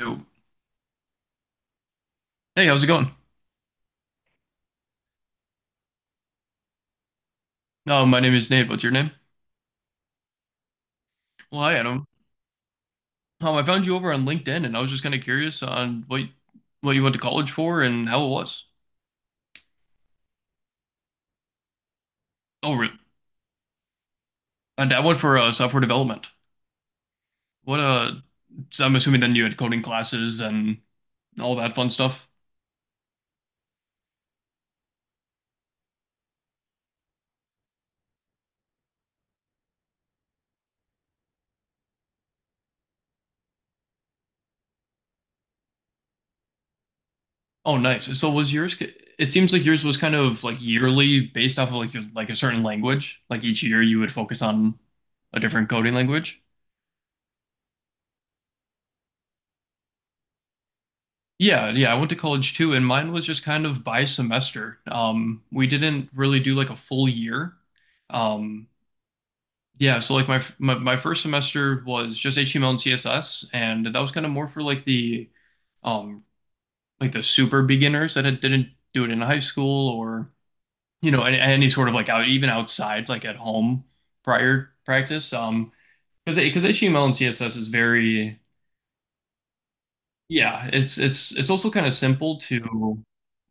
Yo. Hey, how's it going? No, my name is Nate. What's your name? Well, hi, Adam. I found you over on LinkedIn, and I was just kind of curious on what you went to college for and how it was. Oh, really? And I went for software development. What So I'm assuming then you had coding classes and all that fun stuff. Oh, nice. So was yours? It seems like yours was kind of like yearly, based off of like your, like a certain language. Like each year, you would focus on a different coding language. Yeah, yeah, I went to college too, and mine was just kind of by semester. We didn't really do like a full year. Um, yeah, so like my, f- my first semester was just HTML and CSS, and that was kind of more for um like the super beginners that didn't do it in high school or you know any sort of like out even outside like at home prior practice. Because HTML and CSS is very— yeah, it's it's also kind of simple to—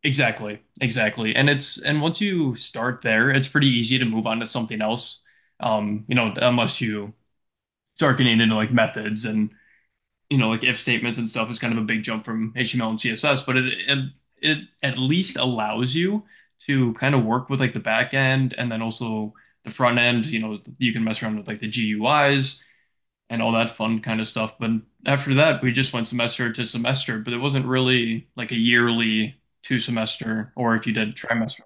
exactly, exactly. And it's— and once you start there, it's pretty easy to move on to something else. You know, unless you start getting into like methods and, you know, like if statements and stuff is kind of a big jump from HTML and CSS, but it at least allows you to kind of work with like the back end and then also the front end, you know, you can mess around with like the GUIs and all that fun kind of stuff. But after that, we just went semester to semester, but it wasn't really like a yearly two semester or if you did trimester.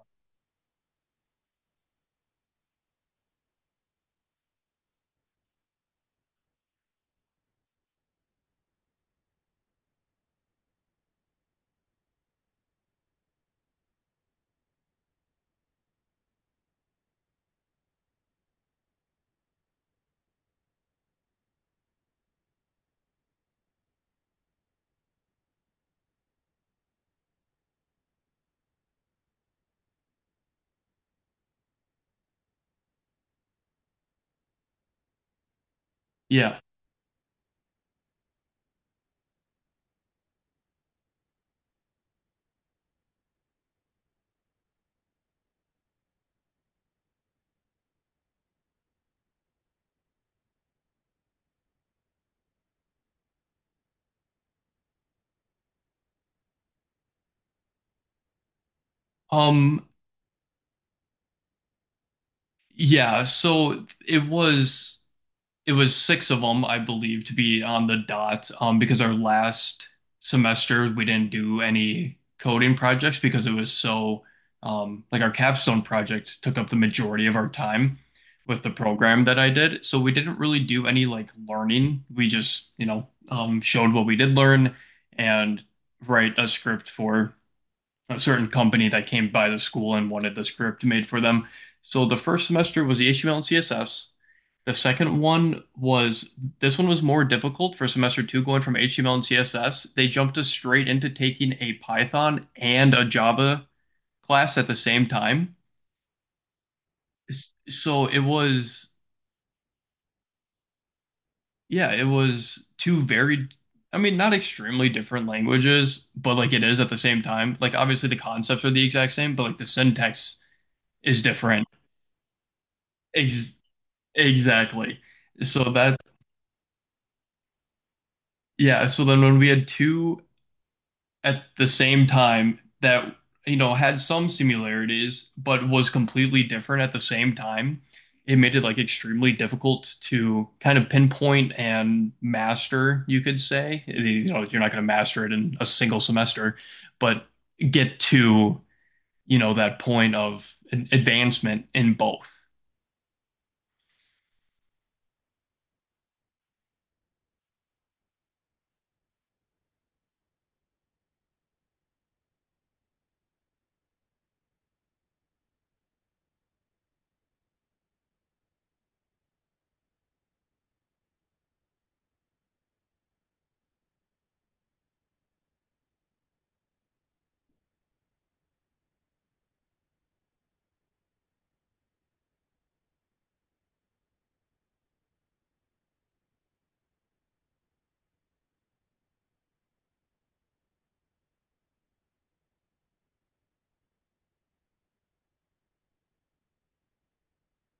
Yeah. Um, yeah, so it was six of them, I believe, to be on the dot. Because our last semester we didn't do any coding projects because it was so like our capstone project took up the majority of our time with the program that I did. So we didn't really do any like learning. We just, you know, showed what we did learn and write a script for a certain company that came by the school and wanted the script made for them. So the first semester was the HTML and CSS. The second one was— this one was more difficult for semester two going from HTML and CSS. They jumped us straight into taking a Python and a Java class at the same time. So it was— yeah, it was two very— I mean, not extremely different languages, but like it is at the same time. Like obviously the concepts are the exact same, but like the syntax is different. Ex Exactly. So that's— yeah. So then when we had two at the same time that you know had some similarities but was completely different at the same time, it made it like extremely difficult to kind of pinpoint and master, you could say, you know, like, you're not going to master it in a single semester, but get to, you know, that point of an advancement in both.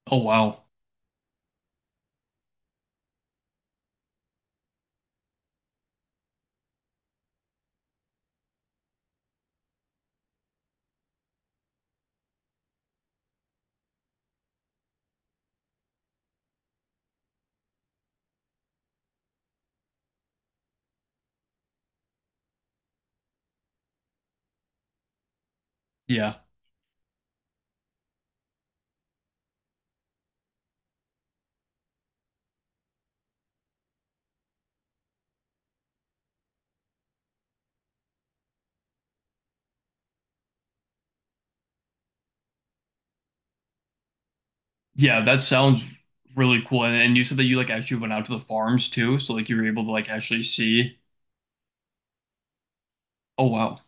Oh wow. Yeah, yeah, that sounds really cool. And you said that you like actually went out to the farms too, so like you were able to like actually see. Oh wow.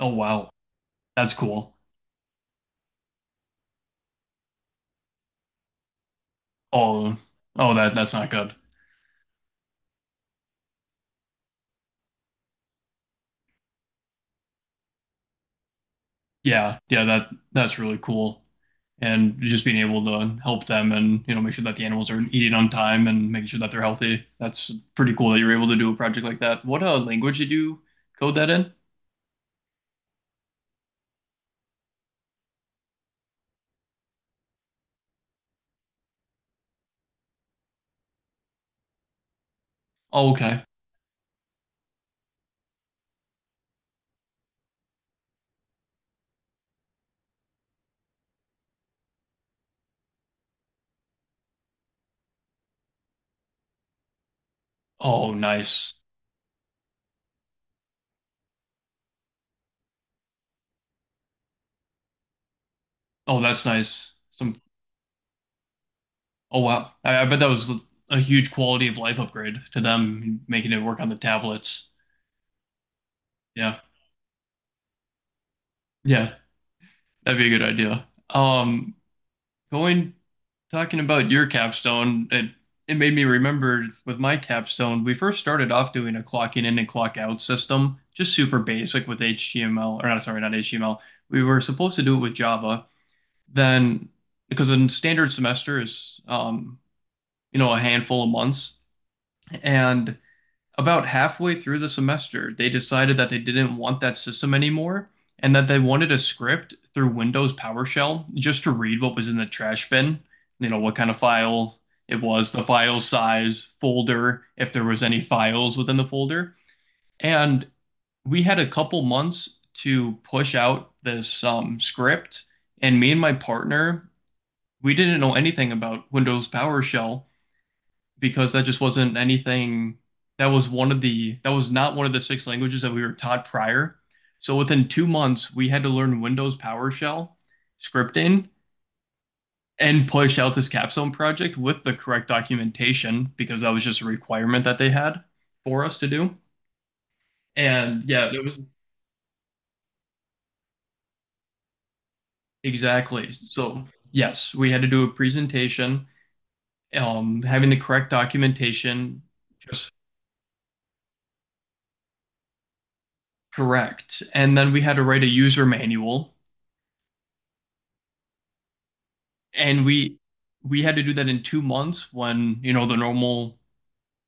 Oh wow, that's cool. Oh, oh that that's not good. Yeah, yeah, that that's really cool. And just being able to help them and you know make sure that the animals are eating on time and making sure that they're healthy. That's pretty cool that you're able to do a project like that. What language did you code that in? Oh, okay. Oh, nice. Oh, that's nice. Some. Oh wow, I bet that was a huge quality of life upgrade to them, making it work on the tablets. Yeah, yeah, that'd be a good idea. Going Talking about your capstone, it made me remember with my capstone, we first started off doing a clocking in and clock out system, just super basic with HTML— or not, sorry, not HTML. We were supposed to do it with Java. Then, because a standard semester is, you know, a handful of months, and about halfway through the semester, they decided that they didn't want that system anymore and that they wanted a script through Windows PowerShell just to read what was in the trash bin, you know, what kind of file it was, the file size, folder, if there was any files within the folder. And we had a couple months to push out this script, and me and my partner, we didn't know anything about Windows PowerShell because that just wasn't anything— that was not one of the six languages that we were taught prior. So within 2 months, we had to learn Windows PowerShell scripting and push out this capstone project with the correct documentation because that was just a requirement that they had for us to do. And yeah, it was— exactly. So yes, we had to do a presentation, having the correct documentation, just— correct. And then we had to write a user manual, and we had to do that in 2 months when you know the normal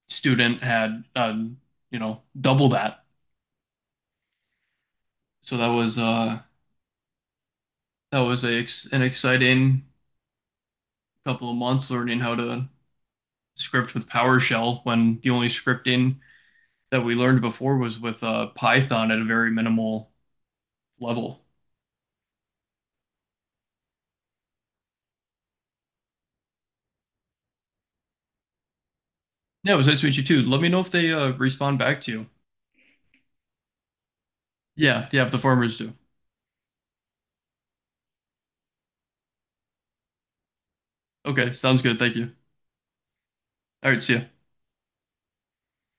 student had you know double that. So that was a, an exciting couple of months learning how to script with PowerShell when the only scripting that we learned before was with Python at a very minimal level. Yeah, it was nice to meet you too. Let me know if they respond back to you. Yeah, yeah, if the farmers do. Okay, sounds good. Thank you. All right, see ya.